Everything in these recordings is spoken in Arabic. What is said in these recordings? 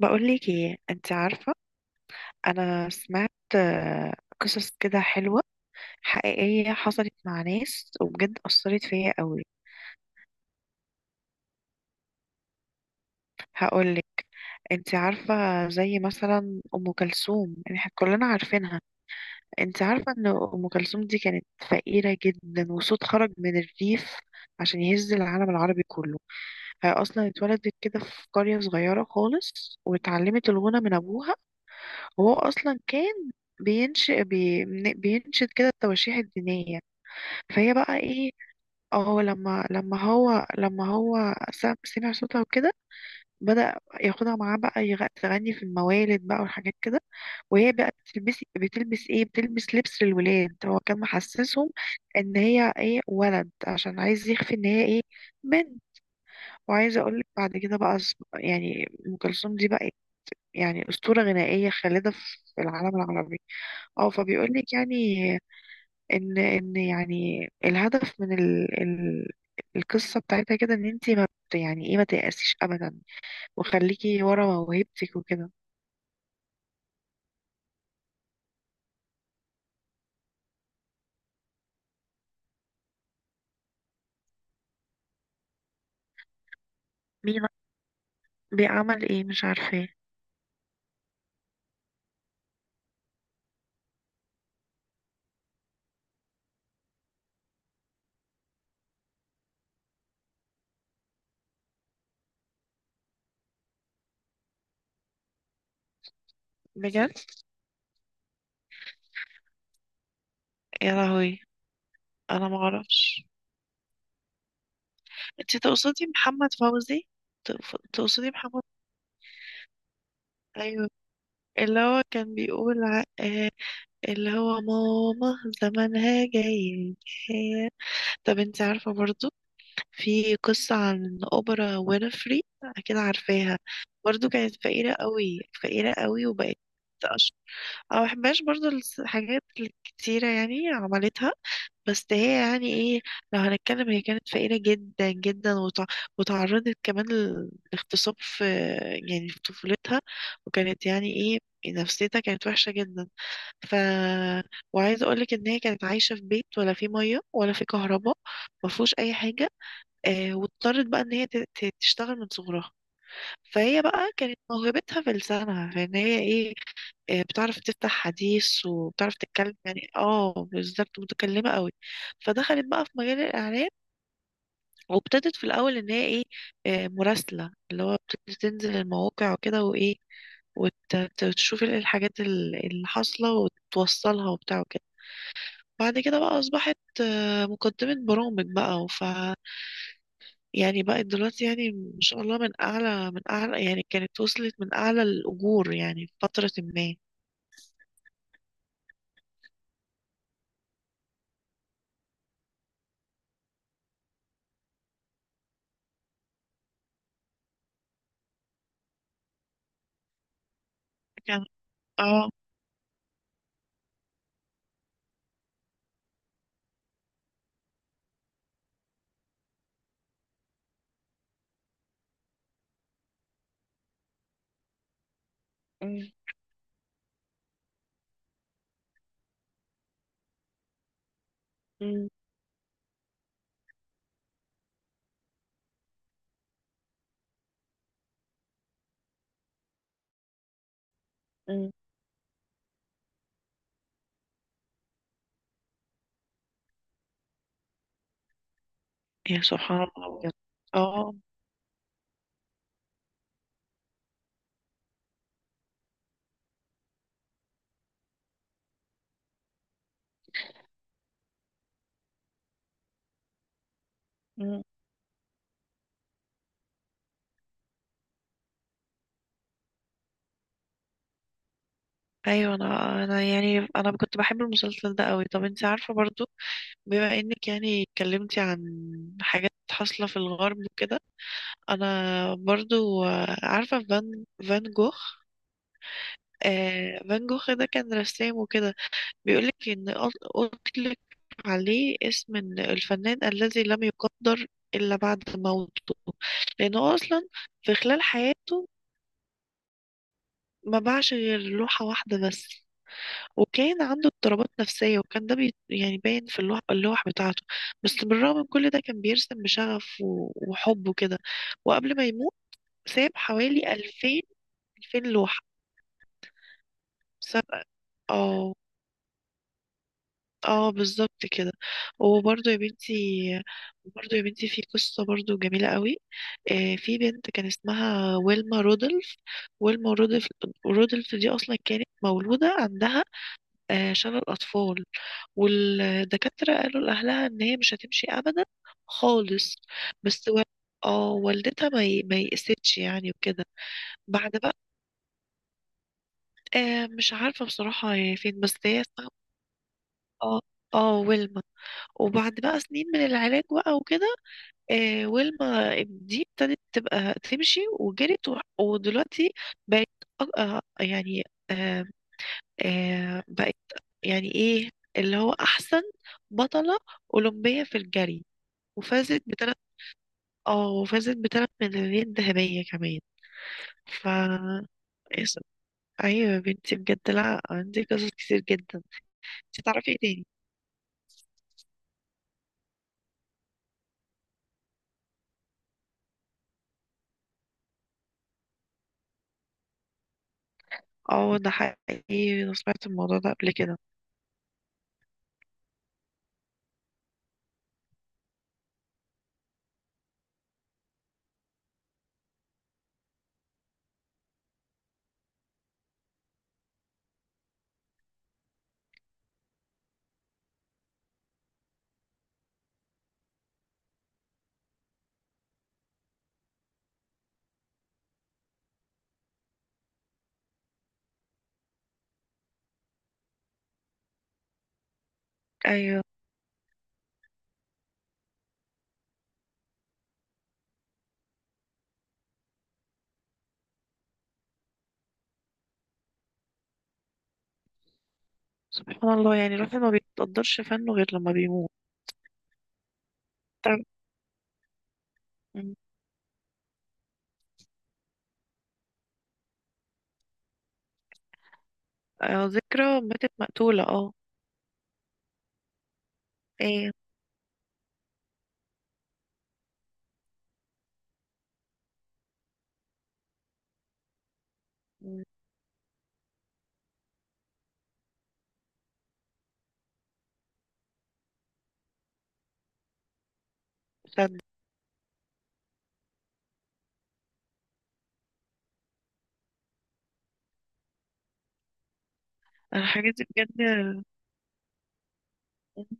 بقولك ايه، انت عارفة. انا سمعت قصص كده حلوة، حقيقية، حصلت مع ناس، وبجد أثرت فيا قوي. هقولك. انت عارفة، زي مثلا أم كلثوم، يعني احنا كلنا عارفينها. انت عارفة ان أم كلثوم دي كانت فقيرة جدا، وصوت خرج من الريف عشان يهز العالم العربي كله. هي أصلا اتولدت كده في قرية صغيرة خالص، واتعلمت الغنى من أبوها. هو اصلا كان بينشد كده التواشيح الدينيه. فهي بقى ايه، اه سمع صوتها وكده بدأ ياخدها معاه بقى تغني في الموالد بقى والحاجات كده. وهي بقى بتلبس لبس للولاد. هو كان محسسهم ان هي ايه، ولد، عشان عايز يخفي ان هي ايه، بنت. وعايزه اقول لك بعد كده بقى يعني ام كلثوم دي بقى يعني اسطوره غنائيه خالده في العالم العربي. اه فبيقولك يعني ان يعني الهدف من ال القصة بتاعتها كده، ان انتي ما بت- يعني ايه، ما تيأسيش ابدا، وخليكي ورا موهبتك وكده. مين؟ بيعمل ايه؟ مش عارفة ايه. بجد؟ يا لهوي. انا ما اعرفش. انت تقصدي محمد فوزي؟ تقصدي محمد؟ ايوه. اللي هو كان بيقول اللي هو ماما زمانها جاي. طب انت عارفة برضو، في قصة عن أوبرا وينفري أكيد عارفاها. برضو كانت فقيرة قوي، فقيرة قوي، وبقت أشهر. أنا مبحبهاش برضو. الحاجات الكتيرة يعني عملتها، بس هي يعني إيه، لو هنتكلم، هي كانت فقيرة جدا جدا، وتعرضت كمان للاغتصاب في يعني في طفولتها، وكانت يعني إيه، نفسيتها كانت وحشة جدا. ف، وعايزة أقولك إن هي كانت عايشة في بيت ولا في مية ولا في كهرباء، مفهوش أي حاجة. آه، واضطرت بقى ان هي تشتغل من صغرها. فهي بقى كانت موهبتها في لسانها، فان هي ايه، آه بتعرف تفتح حديث، وبتعرف تتكلم، يعني اه بالظبط متكلمة قوي. فدخلت بقى في مجال الاعلام، وابتدت في الاول ان هي ايه، آه مراسلة، اللي هو تنزل المواقع وكده وايه، وتشوف الحاجات اللي حاصلة وتوصلها وبتاع وكده. بعد كده بقى أصبحت مقدمة برامج بقى. يعني بقت دلوقتي يعني ما شاء الله، من اعلى من اعلى، يعني كانت وصلت من اعلى الاجور يعني في فترة ما. كان. اه. مم. مم. مم. يا سبحان الله بجد. اه. مم. ايوه. انا يعني انا كنت بحب المسلسل ده قوي. طب انت عارفه برضو، بما انك يعني اتكلمتي عن حاجات حاصله في الغرب وكده. انا برضو عارفه فان جوخ. آه فان جوخ ده كان رسام وكده. بيقولك إن أطلق عليه اسم إن الفنان الذي لم يقدر إلا بعد موته. لأنه هو أصلا في خلال حياته ما باعش غير لوحة واحدة بس. وكان عنده اضطرابات نفسية، وكان ده يعني باين في اللوح بتاعته. بس بالرغم من كل ده، كان بيرسم بشغف، وحب وكده. وقبل ما يموت، ساب حوالي 2000 لوحة. ساب. اه. اه بالظبط كده. وبرضه يا بنتي، برضه يا بنتي، في قصة برضه جميلة قوي. في بنت كان اسمها ويلما رودولف. ويلما رودولف رودولف دي أصلا كانت مولودة عندها شلل أطفال. والدكاترة قالوا لأهلها إن هي مش هتمشي أبدا خالص. بس و... اه والدتها ما يئستش يعني وكده. بعد بقى، آه مش عارفة بصراحة هي فين، بس هي اسمها، اه، اه ويلما. وبعد بقى سنين من العلاج بقى وكده، ويلما دي ابتدت تبقى تمشي وجرت ودلوقتي بقت أ- آه، يعني آه، بقت يعني ايه اللي هو احسن بطلة اولمبية في الجري. وفازت بثلاث، اه وفازت بثلاث ميداليات ذهبية كمان. ف، اس- ايوه يا بنتي بجد، لا عندي قصص كتير جدا. انت تعرفي ايه تاني؟ اه ده حقيقي، انا سمعت الموضوع ده قبل كده. ايوه. سبحان الله، يعني الواحد ما بيتقدرش فنه غير لما بيموت. مم. ذكرى ماتت مقتولة. اه. ايه. مم. صدق. الحاجات دي بجد.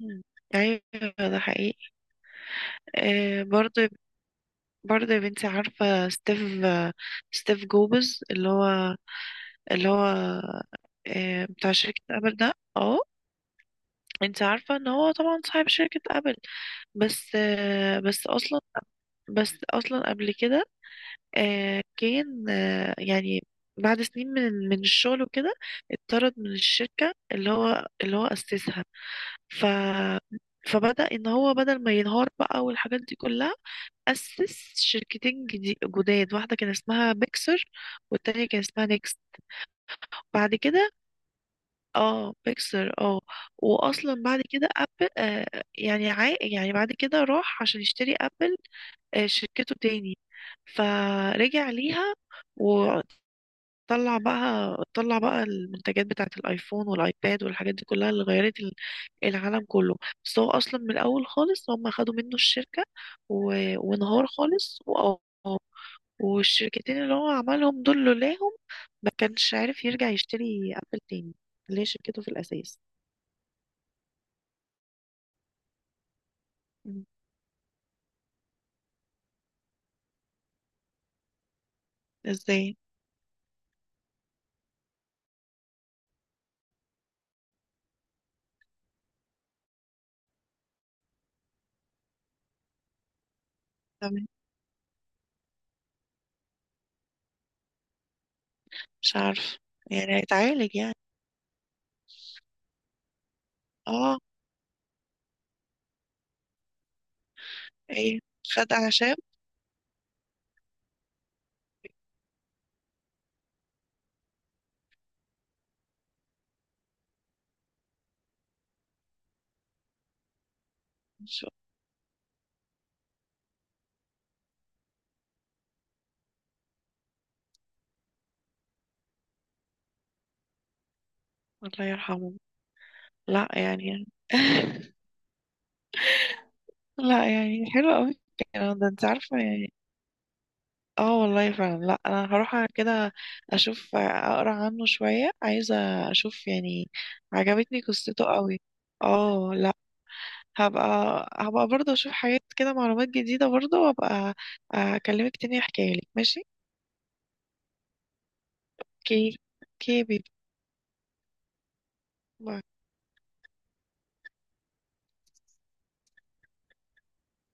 مم. ايوه. ده حقيقي. آه برضه، برضه يا بنتي، عارفة ستيف ستيف جوبز، اللي هو آه بتاع شركة ابل ده. اه. انت عارفة ان هو طبعا صاحب شركة ابل. بس آه بس اصلا بس اصلا قبل كده آه، كان آه، يعني بعد سنين من الشغل وكده، اتطرد من الشركة اللي هو أسسها. ف، فبدأ إن هو بدل ما ينهار بقى والحاجات دي كلها، أسس شركتين جداد. واحدة كان اسمها بيكسر، والتانية كان اسمها نيكس. بعد كده اه بيكسر اه. وأصلا بعد كده أبل آه يعني يعني بعد كده راح عشان يشتري أبل آه شركته تاني، فرجع ليها. طلع بقى، طلع بقى المنتجات بتاعة الايفون والايباد والحاجات دي كلها اللي غيرت العالم كله. بس هو اصلا من الاول خالص هم خدوا منه الشركة وانهار خالص والشركتين اللي هو عملهم دول لولاهم، ما كانش عارف يرجع يشتري ابل تاني، اللي هي شركته في الاساس. مم. ازاي؟ تمام. مش عارف، يعني هيتعالج يعني. اه. ايه. خد اعشاب. مش- الله يرحمه. لا يعني لا يعني حلو قوي الكلام ده. انت عارفة يعني، اه والله فعلا، لا انا هروح كده اشوف، اقرا عنه شوية، عايزة اشوف يعني، عجبتني قصته قوي. اه. لا. هبقى هبقى برضه اشوف حاجات كده، معلومات جديدة برضه، وابقى اكلمك تاني احكيها لك. ماشي. اوكي. اوكي بيبي. باي.